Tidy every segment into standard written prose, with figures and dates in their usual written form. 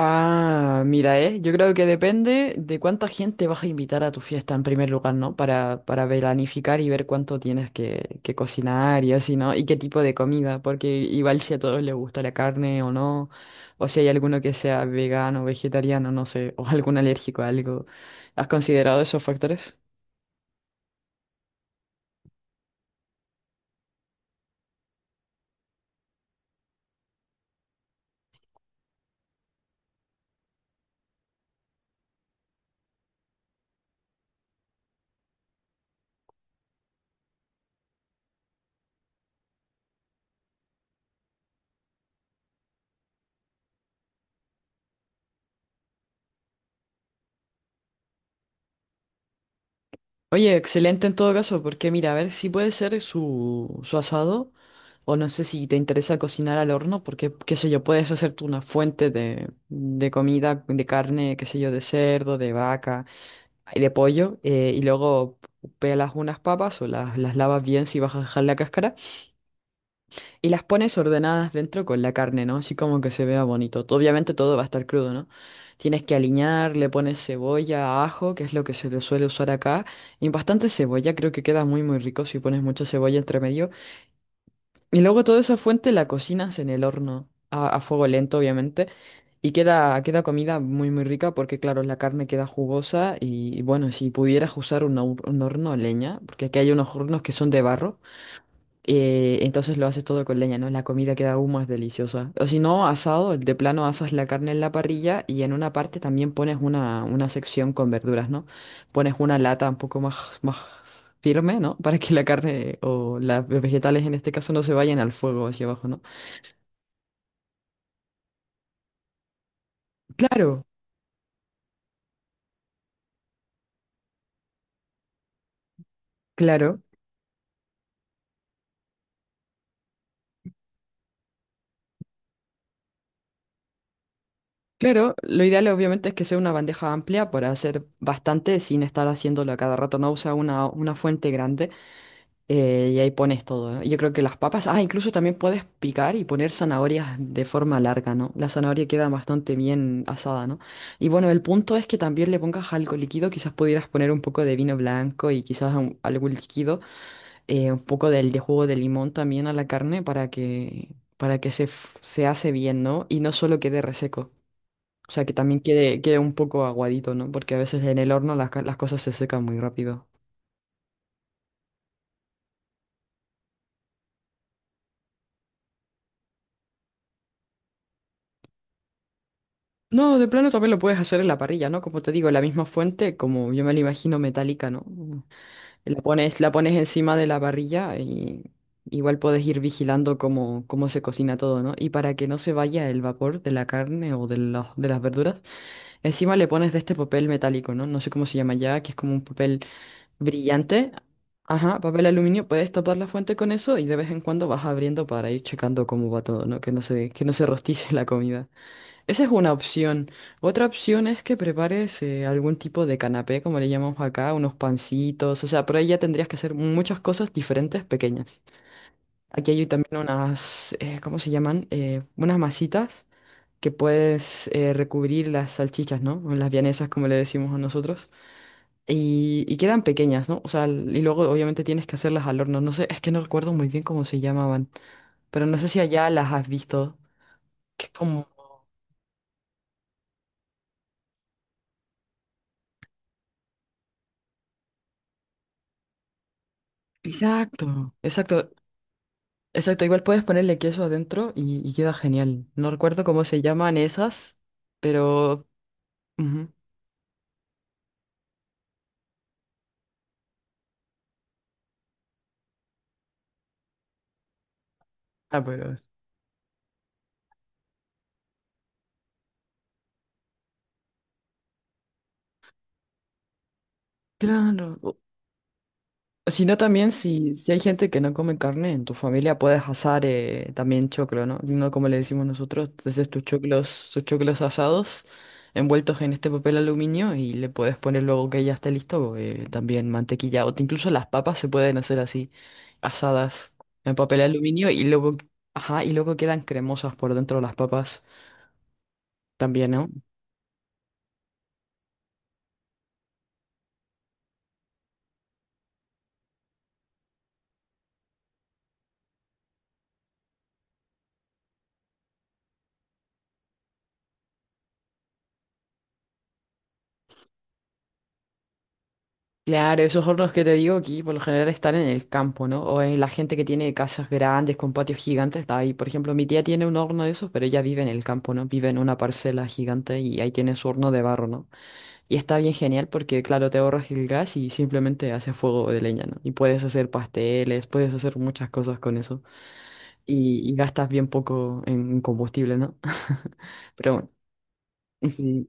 Ah, mira, yo creo que depende de cuánta gente vas a invitar a tu fiesta en primer lugar, ¿no? Para planificar y ver cuánto tienes que cocinar y así, ¿no? Y qué tipo de comida, porque igual si a todos les gusta la carne o no, o si hay alguno que sea vegano, vegetariano, no sé, o algún alérgico a algo. ¿Has considerado esos factores? Oye, excelente en todo caso, porque mira, a ver si puede ser su asado. O no sé si te interesa cocinar al horno, porque, qué sé yo, puedes hacerte una fuente de comida, de carne, qué sé yo, de cerdo, de vaca, y de pollo, y luego pelas unas papas o las lavas bien si vas a dejar la cáscara, y las pones ordenadas dentro con la carne, ¿no? Así como que se vea bonito. Tú- Obviamente todo va a estar crudo, ¿no? Tienes que aliñar, le pones cebolla, ajo, que es lo que se le suele usar acá, y bastante cebolla, creo que queda muy muy rico si pones mucha cebolla entre medio. Y luego toda esa fuente la cocinas en el horno, a fuego lento, obviamente. Y queda comida muy, muy rica porque, claro, la carne queda jugosa. Y, bueno, si pudieras usar un, un horno a leña, porque aquí hay unos hornos que son de barro. Entonces lo haces todo con leña, ¿no? La comida queda aún más deliciosa. O si no, asado, de plano asas la carne en la parrilla y en una parte también pones una sección con verduras, ¿no? Pones una lata un poco más, más firme, ¿no? Para que la carne o las vegetales en este caso no se vayan al fuego hacia abajo, ¿no? Claro, claro. Claro, lo ideal obviamente es que sea una bandeja amplia para hacer bastante sin estar haciéndolo a cada rato, no usa una fuente grande y ahí pones todo, ¿no? Yo creo que las papas, ah, incluso también puedes picar y poner zanahorias de forma larga, ¿no? La zanahoria queda bastante bien asada, ¿no? Y bueno, el punto es que también le pongas algo líquido, quizás pudieras poner un poco de vino blanco y quizás algo líquido, un poco del, de jugo de limón también a la carne para que se, se hace bien, ¿no? Y no solo quede reseco. O sea, que también quede, quede un poco aguadito, ¿no? Porque a veces en el horno las, las cosas se secan muy rápido. No, de plano también lo puedes hacer en la parrilla, ¿no? Como te digo, la misma fuente, como yo me la imagino metálica, ¿no? La pones encima de la parrilla y igual puedes ir vigilando cómo, cómo se cocina todo, ¿no? Y para que no se vaya el vapor de la carne o de las verduras, encima le pones de este papel metálico, ¿no? No sé cómo se llama ya, que es como un papel brillante. Ajá, papel aluminio, puedes tapar la fuente con eso y de vez en cuando vas abriendo para ir checando cómo va todo, ¿no? Que no se rostice la comida. Esa es una opción. Otra opción es que prepares algún tipo de canapé, como le llamamos acá, unos pancitos, o sea, por ahí ya tendrías que hacer muchas cosas diferentes, pequeñas. Aquí hay también unas, ¿cómo se llaman? Unas masitas que puedes recubrir las salchichas, ¿no? O las vienesas, como le decimos a nosotros. Y quedan pequeñas, ¿no? O sea, y luego obviamente tienes que hacerlas al horno. No sé, es que no recuerdo muy bien cómo se llamaban, pero no sé si allá las has visto. Que es como... Exacto, exacto. Exacto, igual puedes ponerle queso adentro y queda genial. No recuerdo cómo se llaman esas, pero... ujú. Ah, pero... Claro. Sino también si, si hay gente que no come carne en tu familia, puedes asar también choclo, ¿no? No como le decimos nosotros, entonces tus choclos asados envueltos en este papel aluminio y le puedes poner luego que ya esté listo también mantequilla. O incluso las papas se pueden hacer así, asadas en papel aluminio y luego, ajá, y luego quedan cremosas por dentro las papas también, ¿no? Claro, esos hornos que te digo aquí por lo general están en el campo, ¿no? O en la gente que tiene casas grandes con patios gigantes, está ahí. Por ejemplo, mi tía tiene un horno de esos, pero ella vive en el campo, ¿no? Vive en una parcela gigante y ahí tiene su horno de barro, ¿no? Y está bien genial porque, claro, te ahorras el gas y simplemente haces fuego de leña, ¿no? Y puedes hacer pasteles, puedes hacer muchas cosas con eso. Y gastas bien poco en combustible, ¿no? Pero bueno. Sí.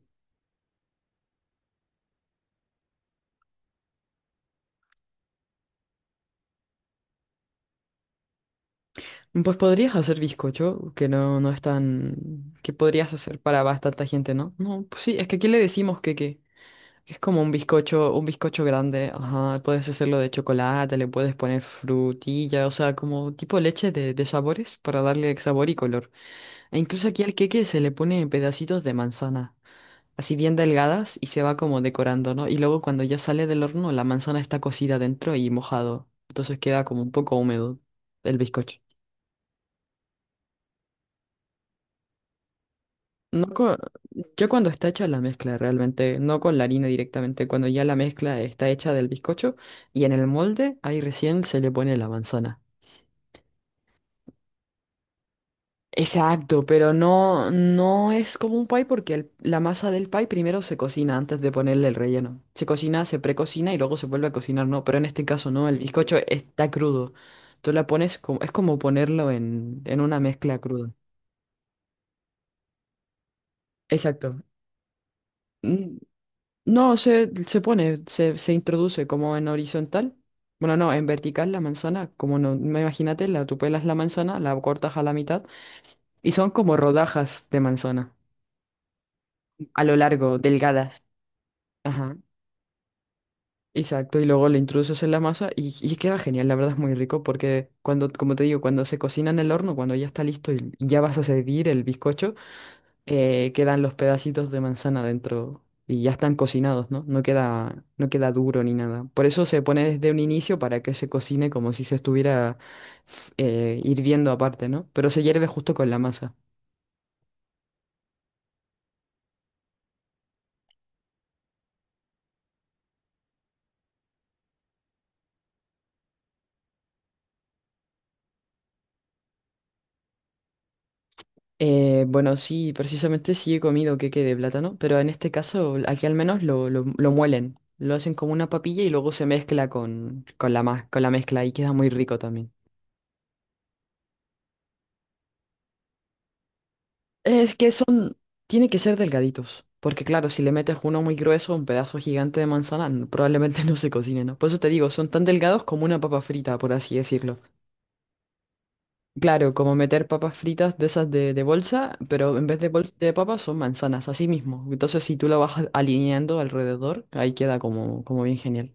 Pues podrías hacer bizcocho, que no, no es tan... que podrías hacer para bastante gente, ¿no? No, pues sí, es que aquí le decimos que es como un bizcocho grande, ajá, puedes hacerlo de chocolate, le puedes poner frutilla, o sea, como tipo leche de sabores para darle sabor y color. E incluso aquí al queque se le pone pedacitos de manzana, así bien delgadas y se va como decorando, ¿no? Y luego cuando ya sale del horno, la manzana está cocida dentro y mojado, entonces queda como un poco húmedo el bizcocho. No co- Yo cuando está hecha la mezcla realmente, no con la harina directamente, cuando ya la mezcla está hecha del bizcocho y en el molde, ahí recién se le pone la manzana. Exacto, pero no, no es como un pie porque la masa del pie primero se cocina antes de ponerle el relleno. Se cocina, se precocina y luego se vuelve a cocinar, no, pero en este caso no, el bizcocho está crudo. Tú la pones como, es como ponerlo en una mezcla cruda. Exacto. Mm. No, se pone, se introduce como en horizontal. Bueno, no, en vertical la manzana, como no, me imagínate, la, tú pelas la manzana, la cortas a la mitad y son como rodajas de manzana, a lo largo, delgadas. Ajá, exacto, y luego lo introduces en la masa y queda genial, la verdad es muy rico porque cuando, como te digo, cuando se cocina en el horno, cuando ya está listo y ya vas a servir el bizcocho, quedan los pedacitos de manzana dentro y ya están cocinados, ¿no? No queda, no queda duro ni nada. Por eso se pone desde un inicio para que se cocine como si se estuviera hirviendo aparte, ¿no? Pero se hierve justo con la masa. Bueno, sí, precisamente sí he comido queque de plátano, pero en este caso aquí al menos lo muelen. Lo hacen como una papilla y luego se mezcla con la, con la mezcla y queda muy rico también. Es que son Tiene que ser delgaditos, porque claro, si le metes uno muy grueso, un pedazo gigante de manzana, probablemente no se cocine, ¿no? Por eso te digo, son tan delgados como una papa frita, por así decirlo. Claro, como meter papas fritas de esas de bolsa, pero en vez de bolsa de papas son manzanas, así mismo. Entonces, si tú lo vas alineando alrededor, ahí queda como, como bien genial.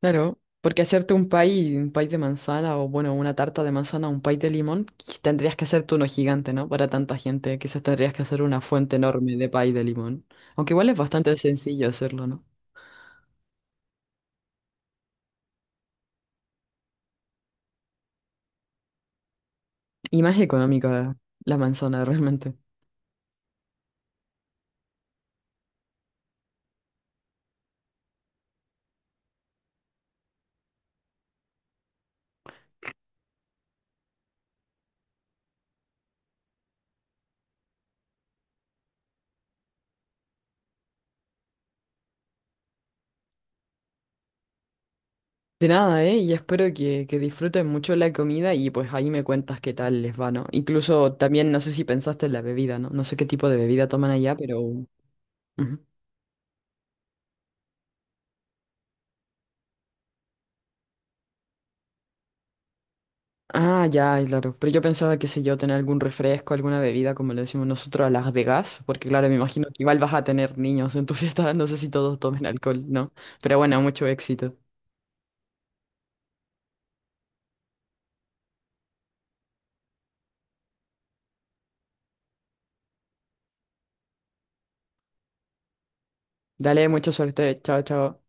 Claro, porque hacerte un pie de manzana o bueno, una tarta de manzana, un pie de limón, tendrías que hacerte uno gigante, ¿no? Para tanta gente, quizás tendrías que hacer una fuente enorme de pie de limón. Aunque igual es bastante sencillo hacerlo, ¿no? Y más económica la manzana, realmente. De nada, ¿eh? Y espero que disfruten mucho la comida y pues ahí me cuentas qué tal les va, ¿no? Incluso también no sé si pensaste en la bebida, ¿no? No sé qué tipo de bebida toman allá, pero... ujú. Ah, ya, claro. Pero yo pensaba, qué sé yo, tener algún refresco, alguna bebida, como le decimos nosotros a las de gas, porque claro, me imagino que igual vas a tener niños en tu fiesta, no sé si todos tomen alcohol, ¿no? Pero bueno, mucho éxito. Dale, mucha suerte. Chao, chao.